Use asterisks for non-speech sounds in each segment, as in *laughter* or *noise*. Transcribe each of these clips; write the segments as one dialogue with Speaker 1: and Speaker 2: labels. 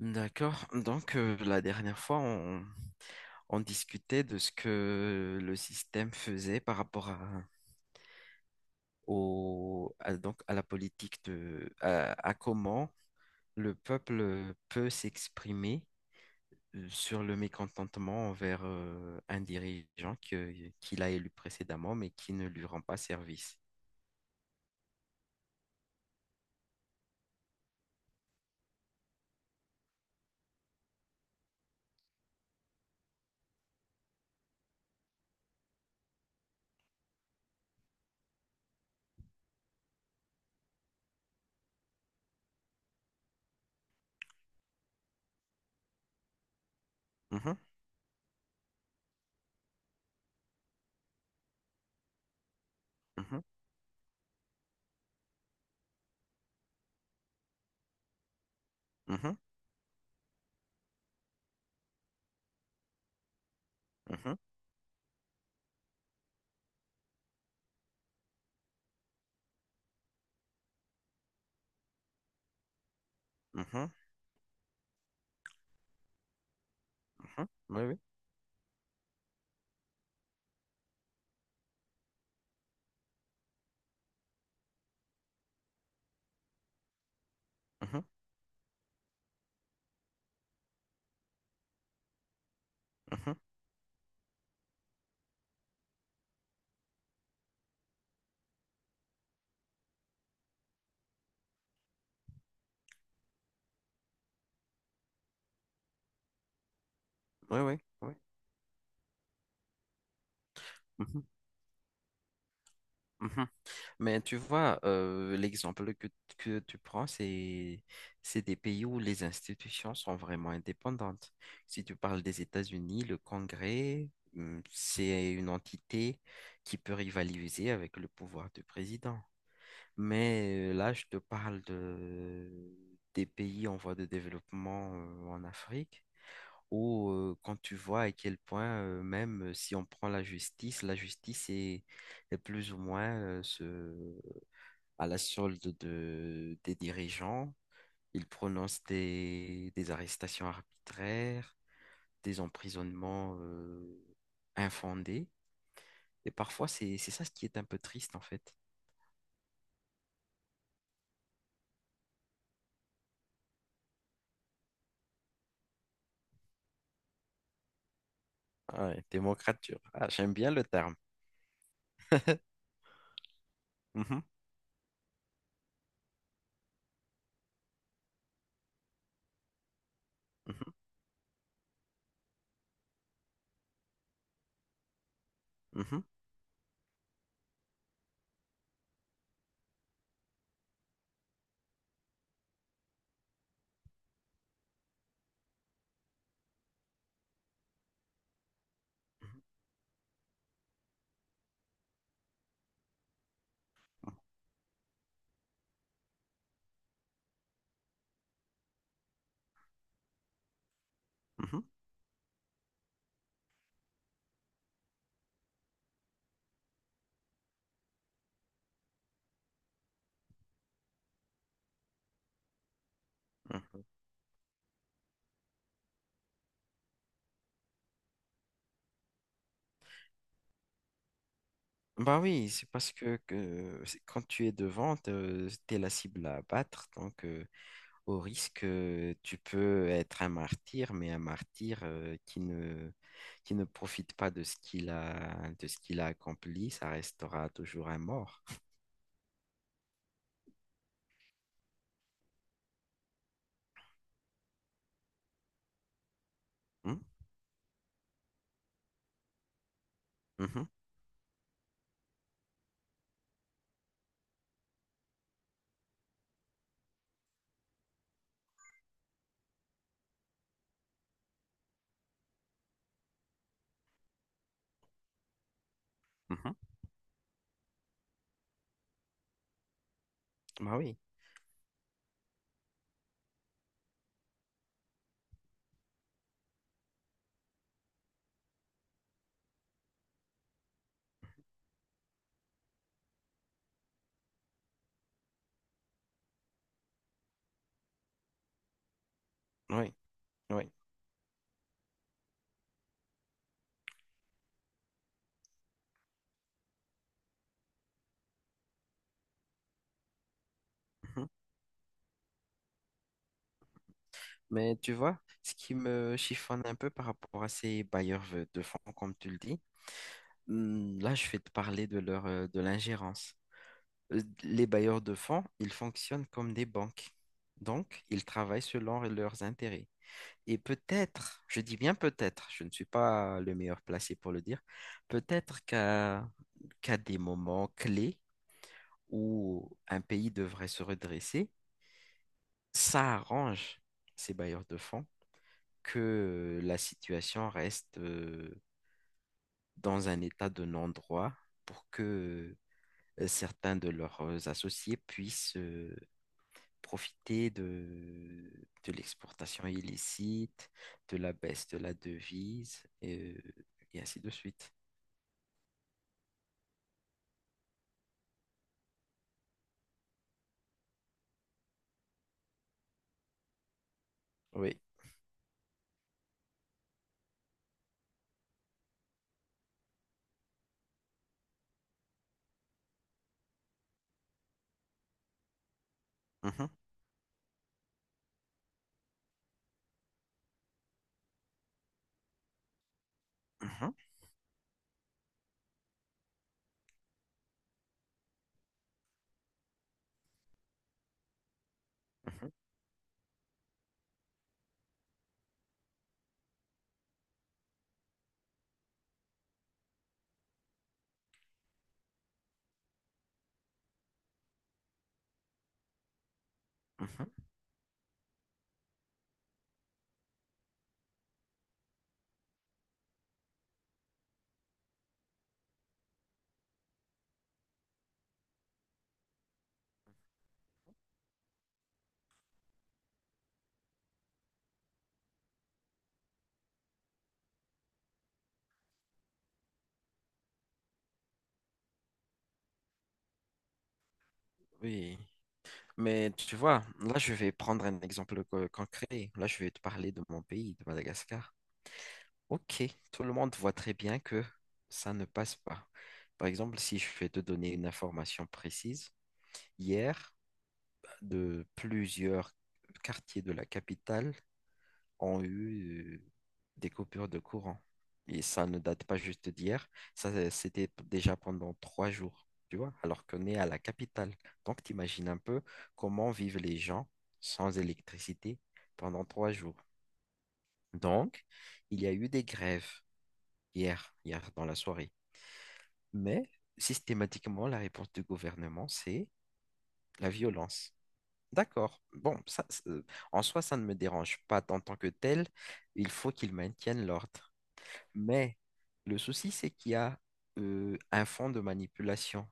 Speaker 1: D'accord. Donc, la dernière fois, on discutait de ce que le système faisait par rapport donc, à la politique de, à comment le peuple peut s'exprimer sur le mécontentement envers un dirigeant qu'il a élu précédemment, mais qui ne lui rend pas service. Mhm, mhm, mhm, mhm, mhm, mhm. Oui, oui. Mhm, mhm. Oui, oui, oui. Mhm, mhm. Mais tu vois, l'exemple que tu prends, c'est des pays où les institutions sont vraiment indépendantes. Si tu parles des États-Unis, le Congrès, c'est une entité qui peut rivaliser avec le pouvoir du président. Mais là, je te parle des pays en voie de développement en Afrique, où quand tu vois à quel point, même si on prend la justice est plus ou moins ce à la solde des dirigeants. Ils prononcent des arrestations arbitraires, des emprisonnements infondés. Et parfois, c'est ça ce qui est un peu triste, en fait. Ah ouais, démocrature. Ah, j'aime bien le terme. *laughs* Mhm, mhm, mhm, mhm, mhm, mhm. Bah oui, c'est parce que quand tu es devant, tu es la cible à abattre. Donc, au risque, tu peux être un martyr, mais un martyr qui ne profite pas de ce qu'il a, de ce qu'il a accompli, ça restera toujours un mort. Hmm? Mhm, mhm. Bah oui, oui, oui. Mhm. Mais tu vois, ce qui me chiffonne un peu par rapport à ces bailleurs de fonds, comme tu le dis, là, je vais te parler de l'ingérence. Les bailleurs de fonds, ils fonctionnent comme des banques. Donc, ils travaillent selon leurs intérêts. Et peut-être, je dis bien peut-être, je ne suis pas le meilleur placé pour le dire, peut-être qu'à des moments clés où un pays devrait se redresser, ça arrange ces bailleurs de fonds que la situation reste dans un état de non-droit pour que certains de leurs associés puissent profiter de l'exportation illicite, de la baisse de la devise, et ainsi de suite. Oui. Mhm, mhm, mhm, mhm. Oui. Mais tu vois, là, je vais prendre un exemple concret. Là, je vais te parler de mon pays, de Madagascar. Ok, tout le monde voit très bien que ça ne passe pas. Par exemple, si je vais te donner une information précise, hier, de plusieurs quartiers de la capitale, ont eu des coupures de courant. Et ça ne date pas juste d'hier, ça c'était déjà pendant 3 jours, tu vois, alors qu'on est à la capitale. Donc t'imagines un peu comment vivent les gens sans électricité pendant 3 jours. Donc, il y a eu des grèves hier dans la soirée. Mais systématiquement, la réponse du gouvernement, c'est la violence. D'accord. Bon, ça, en soi, ça ne me dérange pas en tant que tel. Il faut qu'ils maintiennent l'ordre. Mais le souci, c'est qu'il y a un fond de manipulation.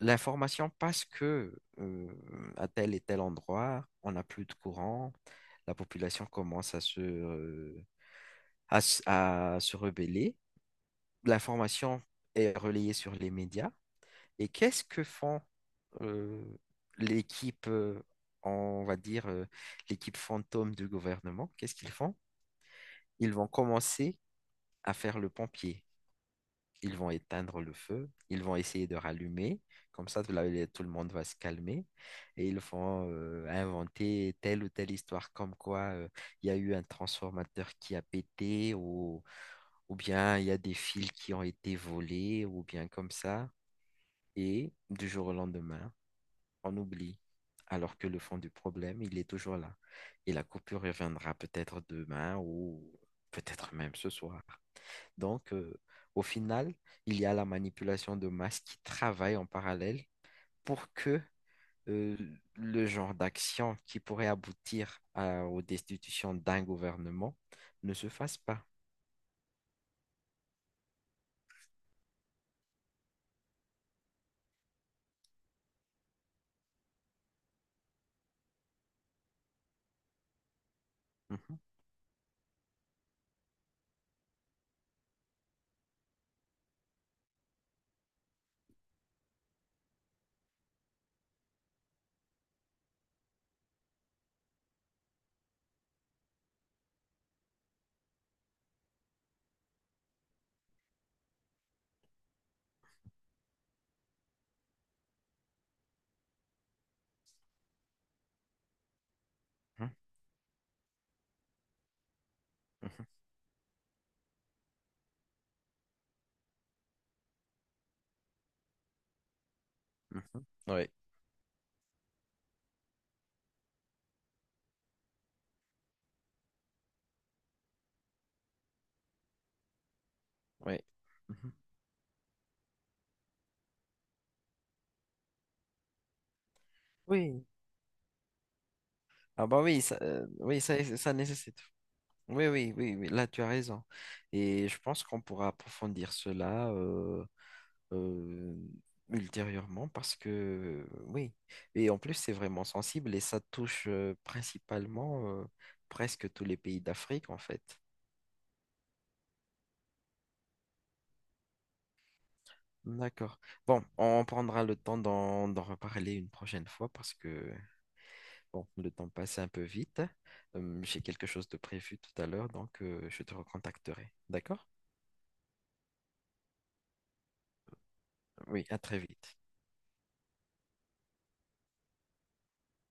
Speaker 1: L'information passe que euh, à tel et tel endroit, on n'a plus de courant, la population commence à se rebeller. L'information est relayée sur les médias. Et qu'est-ce que font euh, l'équipe, euh, on va dire, l'équipe fantôme du gouvernement? Qu'est-ce qu'ils font? Ils vont commencer à faire le pompier. Ils vont éteindre le feu, ils vont essayer de rallumer, comme ça tout le monde va se calmer, et ils vont inventer telle ou telle histoire comme quoi il y a eu un transformateur qui a pété, ou bien il y a des fils qui ont été volés, ou bien comme ça, et du jour au lendemain, on oublie, alors que le fond du problème, il est toujours là, et la coupure reviendra peut-être demain ou peut-être même ce soir. Donc, au final, il y a la manipulation de masse qui travaille en parallèle pour que euh, le genre d'action qui pourrait aboutir aux destitutions d'un gouvernement ne se fasse pas. Mhm, mhm, mhm, mhm. Oui, oui. Mhm. Oui. Ah bah oui, ça, oui, ça nécessite. Oui, oui, oui, oui, là tu as raison. Et je pense qu'on pourra approfondir cela. euh, ultérieurement parce que oui, et en plus c'est vraiment sensible et ça touche principalement presque tous les pays d'Afrique en fait. D'accord. Bon, on prendra le temps d'en reparler une prochaine fois parce que bon, le temps passe un peu vite. J'ai quelque chose de prévu tout à l'heure, donc je te recontacterai. D'accord? Oui, à très vite.